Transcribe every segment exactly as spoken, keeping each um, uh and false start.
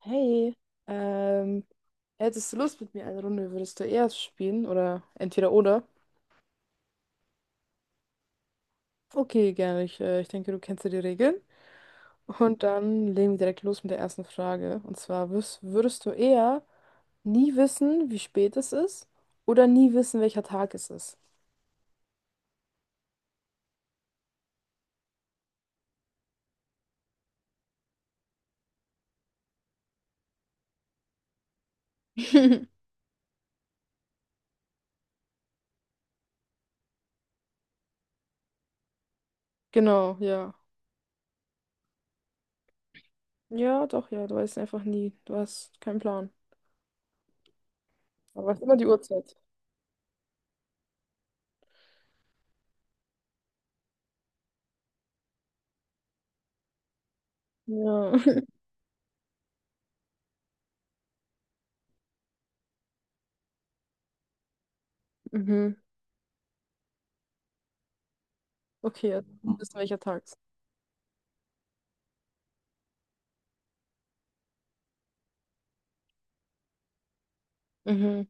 Hey, ähm, hättest du Lust mit mir eine Runde, würdest du erst spielen oder entweder oder? Okay, gerne. Ich, äh, ich denke, du kennst ja die Regeln. Und dann legen wir direkt los mit der ersten Frage. Und zwar, würdest, würdest du eher nie wissen, wie spät es ist oder nie wissen, welcher Tag es ist? Genau, ja. Ja, doch, ja. Du weißt einfach nie. Du hast keinen Plan. Aber weißt immer die Uhrzeit. Ja. Mhm. Okay, also, du wissen, welcher Tag es ist. Mhm.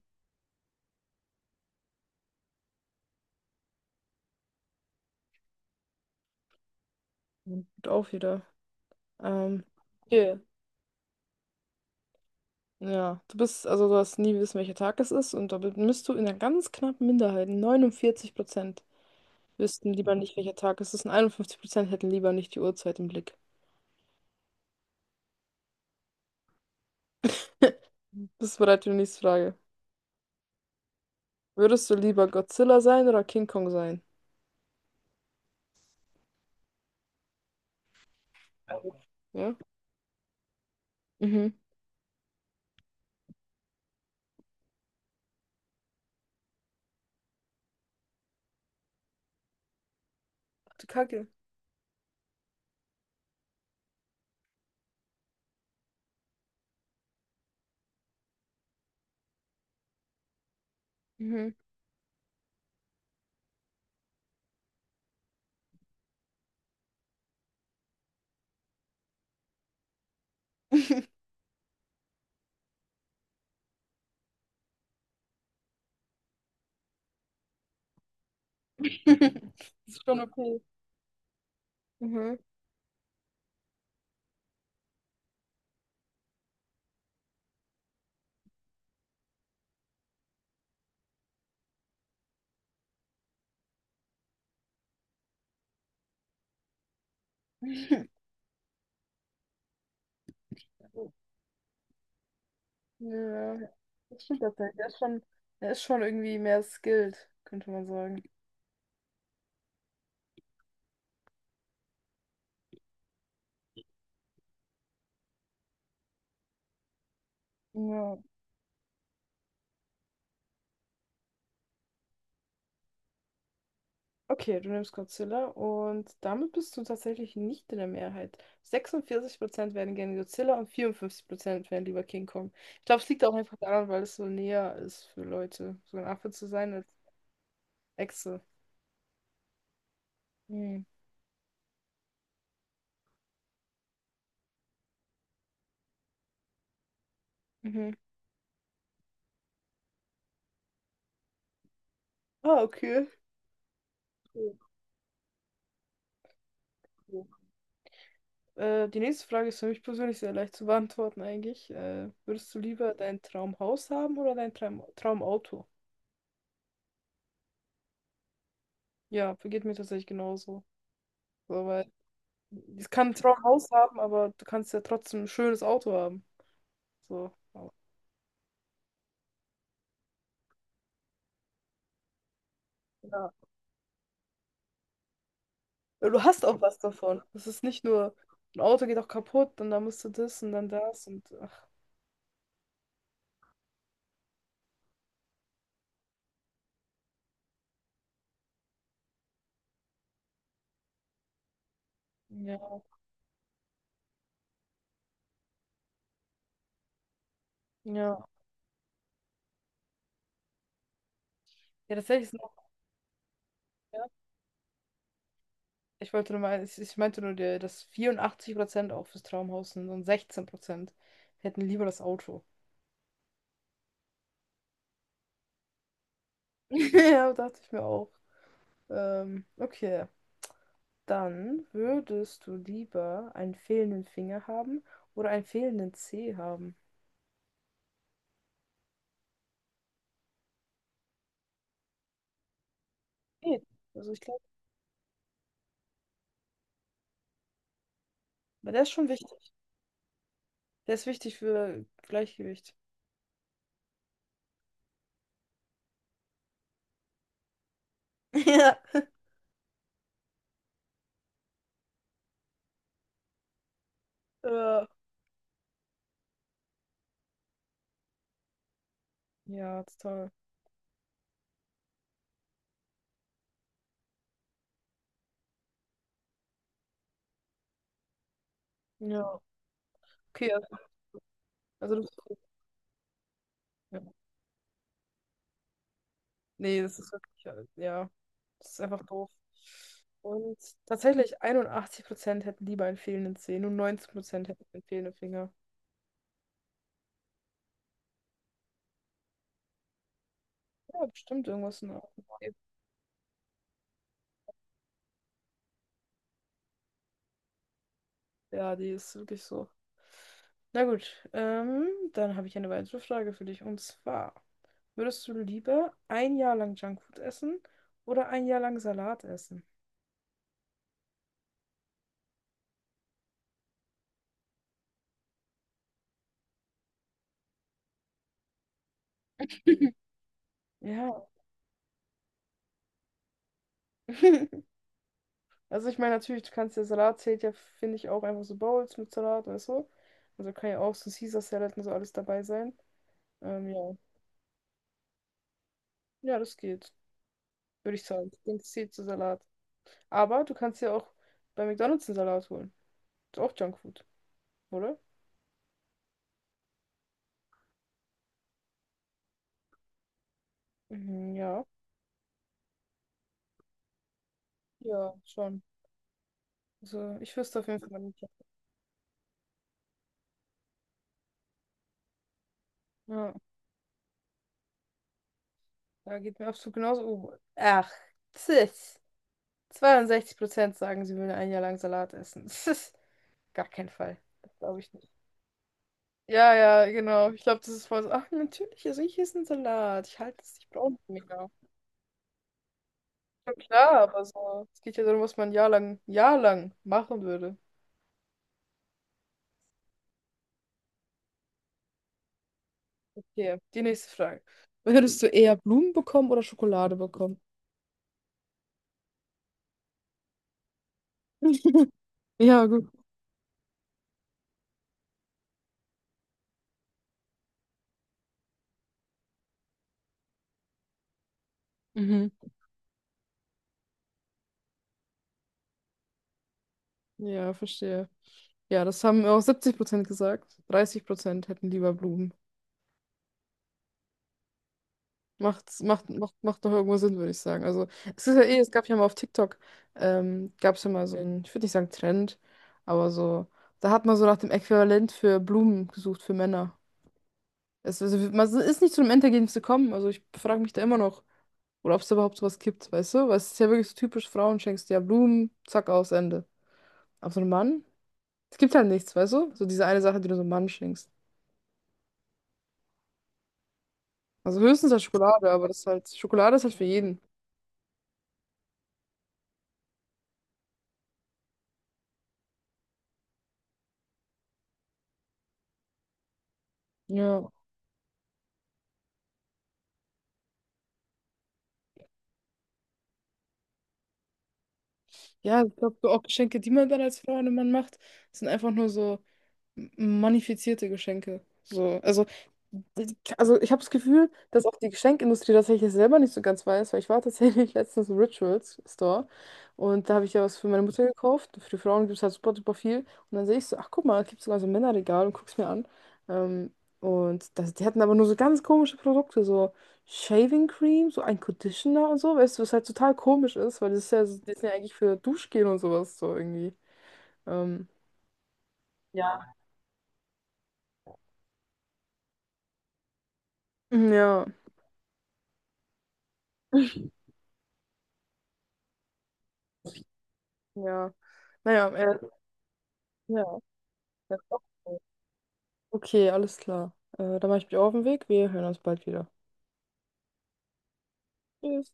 Gut auf wieder. Ähm, Okay. Ja, du bist, also du hast nie wissen, welcher Tag es ist und da bist du in einer ganz knappen Minderheit. Neunundvierzig Prozent wüssten lieber nicht, welcher Tag es ist und einundfünfzig Prozent hätten lieber nicht die Uhrzeit im Blick. Bist du bereit für die nächste Frage? Würdest du lieber Godzilla sein oder King Kong sein? Ja? Mhm. Ach du Kacke. Mhm. Das Ist schon okay. Mhm. Ja, das stimmt tatsächlich. Er ist schon, er ist schon irgendwie mehr skilled, könnte man sagen. Ja. Okay, du nimmst Godzilla und damit bist du tatsächlich nicht in der Mehrheit. sechsundvierzig Prozent werden gerne Godzilla und vierundfünfzig Prozent werden lieber King Kong. Ich glaube, es liegt auch einfach daran, weil es so näher ist für Leute, so ein Affe zu sein als Echse. Hm. Mhm. Ah, okay. Cool, cool. Äh, die nächste Frage ist für mich persönlich sehr leicht zu beantworten eigentlich. Äh, würdest du lieber dein Traumhaus haben oder dein Traum Traumauto? Ja, vergeht mir tatsächlich genauso. So, ich kann zwar ein Haus haben, aber du kannst ja trotzdem ein schönes Auto haben. So. Ja. Du hast auch was davon. Es ist nicht nur, ein Auto geht auch kaputt und dann musst du das und dann das und ach, ja. Ja. Ja, tatsächlich sind auch, ja. Ich wollte nur mal, ich, ich meinte nur, der- dass vierundachtzig Prozent auch fürs Traumhaus sind und sechzehn Prozent hätten lieber das Auto. Ja, dachte ich mir auch. Ähm, okay. Dann würdest du lieber einen fehlenden Finger haben oder einen fehlenden Zeh haben? Geht. Also ich glaube, aber der ist schon wichtig. Der ist wichtig für Gleichgewicht. Ja. Äh, ja, total. Ja. Okay, also, also du bist cool. Ja. Nee, das ist wirklich, äh, ja, das ist einfach doof. Und tatsächlich einundachtzig Prozent hätten lieber einen fehlenden Zeh, nur neunzehn Prozent hätten einen fehlenden Finger. Ja, bestimmt irgendwas in der Art. Ja, die ist wirklich so. Na gut, ähm, dann habe ich eine weitere Frage für dich. Und zwar, würdest du lieber ein Jahr lang Junkfood essen oder ein Jahr lang Salat essen? Ja. Also ich meine, natürlich, du kannst ja Salat zählt ja, finde ich, auch einfach so Bowls mit Salat oder so. Also kann ja auch so Caesar Salad und so alles dabei sein. Ähm, ja. Ja, das geht, würde ich sagen. Ich denke, es zählt zu Salat. Aber du kannst ja auch bei McDonald's einen Salat holen. Ist auch Junkfood, oder? Mhm, ja. Ja, schon. Also ich wüsste auf jeden Fall nicht. Ja, da geht mir absolut genauso. Oh, ach, tschüss. zweiundsechzig Prozent sagen, sie würden ein Jahr lang Salat essen. Das ist gar kein Fall. Das glaube ich nicht. Ja, ja, genau. Ich glaube, das ist voll so. Ach, natürlich, also ich esse einen Salat. Ich halte es nicht braun für mega. Ja, klar, aber so. Es geht ja darum, was man ein Jahr lang, Jahr lang machen würde. Okay, die nächste Frage. Würdest du eher Blumen bekommen oder Schokolade bekommen? Ja, gut. Mhm. Ja, verstehe. Ja, das haben auch siebzig Prozent gesagt. dreißig Prozent hätten lieber Blumen. Macht, macht, macht, macht doch irgendwo Sinn, würde ich sagen. Also, es ist ja eh, es gab ja mal auf TikTok, ähm, gab es ja mal so einen, ich würde nicht sagen Trend, aber so, da hat man so nach dem Äquivalent für Blumen gesucht, für Männer. Es, also, man ist nicht zu einem Endergebnis gekommen. Also, ich frage mich da immer noch, oder ob es überhaupt sowas gibt, weißt du? Weil es ist ja wirklich so typisch, Frauen schenkst dir ja Blumen, zack, aus, Ende. Aber so ein Mann, es gibt halt nichts, weißt du? So diese eine Sache, die du so einem Mann schenkst. Also höchstens als Schokolade, aber das ist halt, Schokolade ist halt für jeden. Ja. Ja, ich glaube, so auch Geschenke, die man dann als Frau einem Mann macht, sind einfach nur so manifizierte Geschenke. So, also, also ich habe das Gefühl, dass auch die Geschenkindustrie tatsächlich selber nicht so ganz weiß, weil ich war tatsächlich letztens im Rituals Store und da habe ich ja was für meine Mutter gekauft. Für die Frauen gibt es halt super, super viel. Und dann sehe ich so, ach guck mal, es gibt sogar so ein Männerregal und guck's mir an. Ähm, und das, die hatten aber nur so ganz komische Produkte, so Shaving Cream, so ein Conditioner und so, weißt du, was halt total komisch ist, weil das ist ja, so- die sind ja eigentlich für Duschgel und sowas so irgendwie. Ähm, Ja. Ja. Ja. Naja, äh, ja. Das cool. Okay, alles klar. Äh, dann mache ich mich auf den Weg. Wir hören uns bald wieder. Tschüss.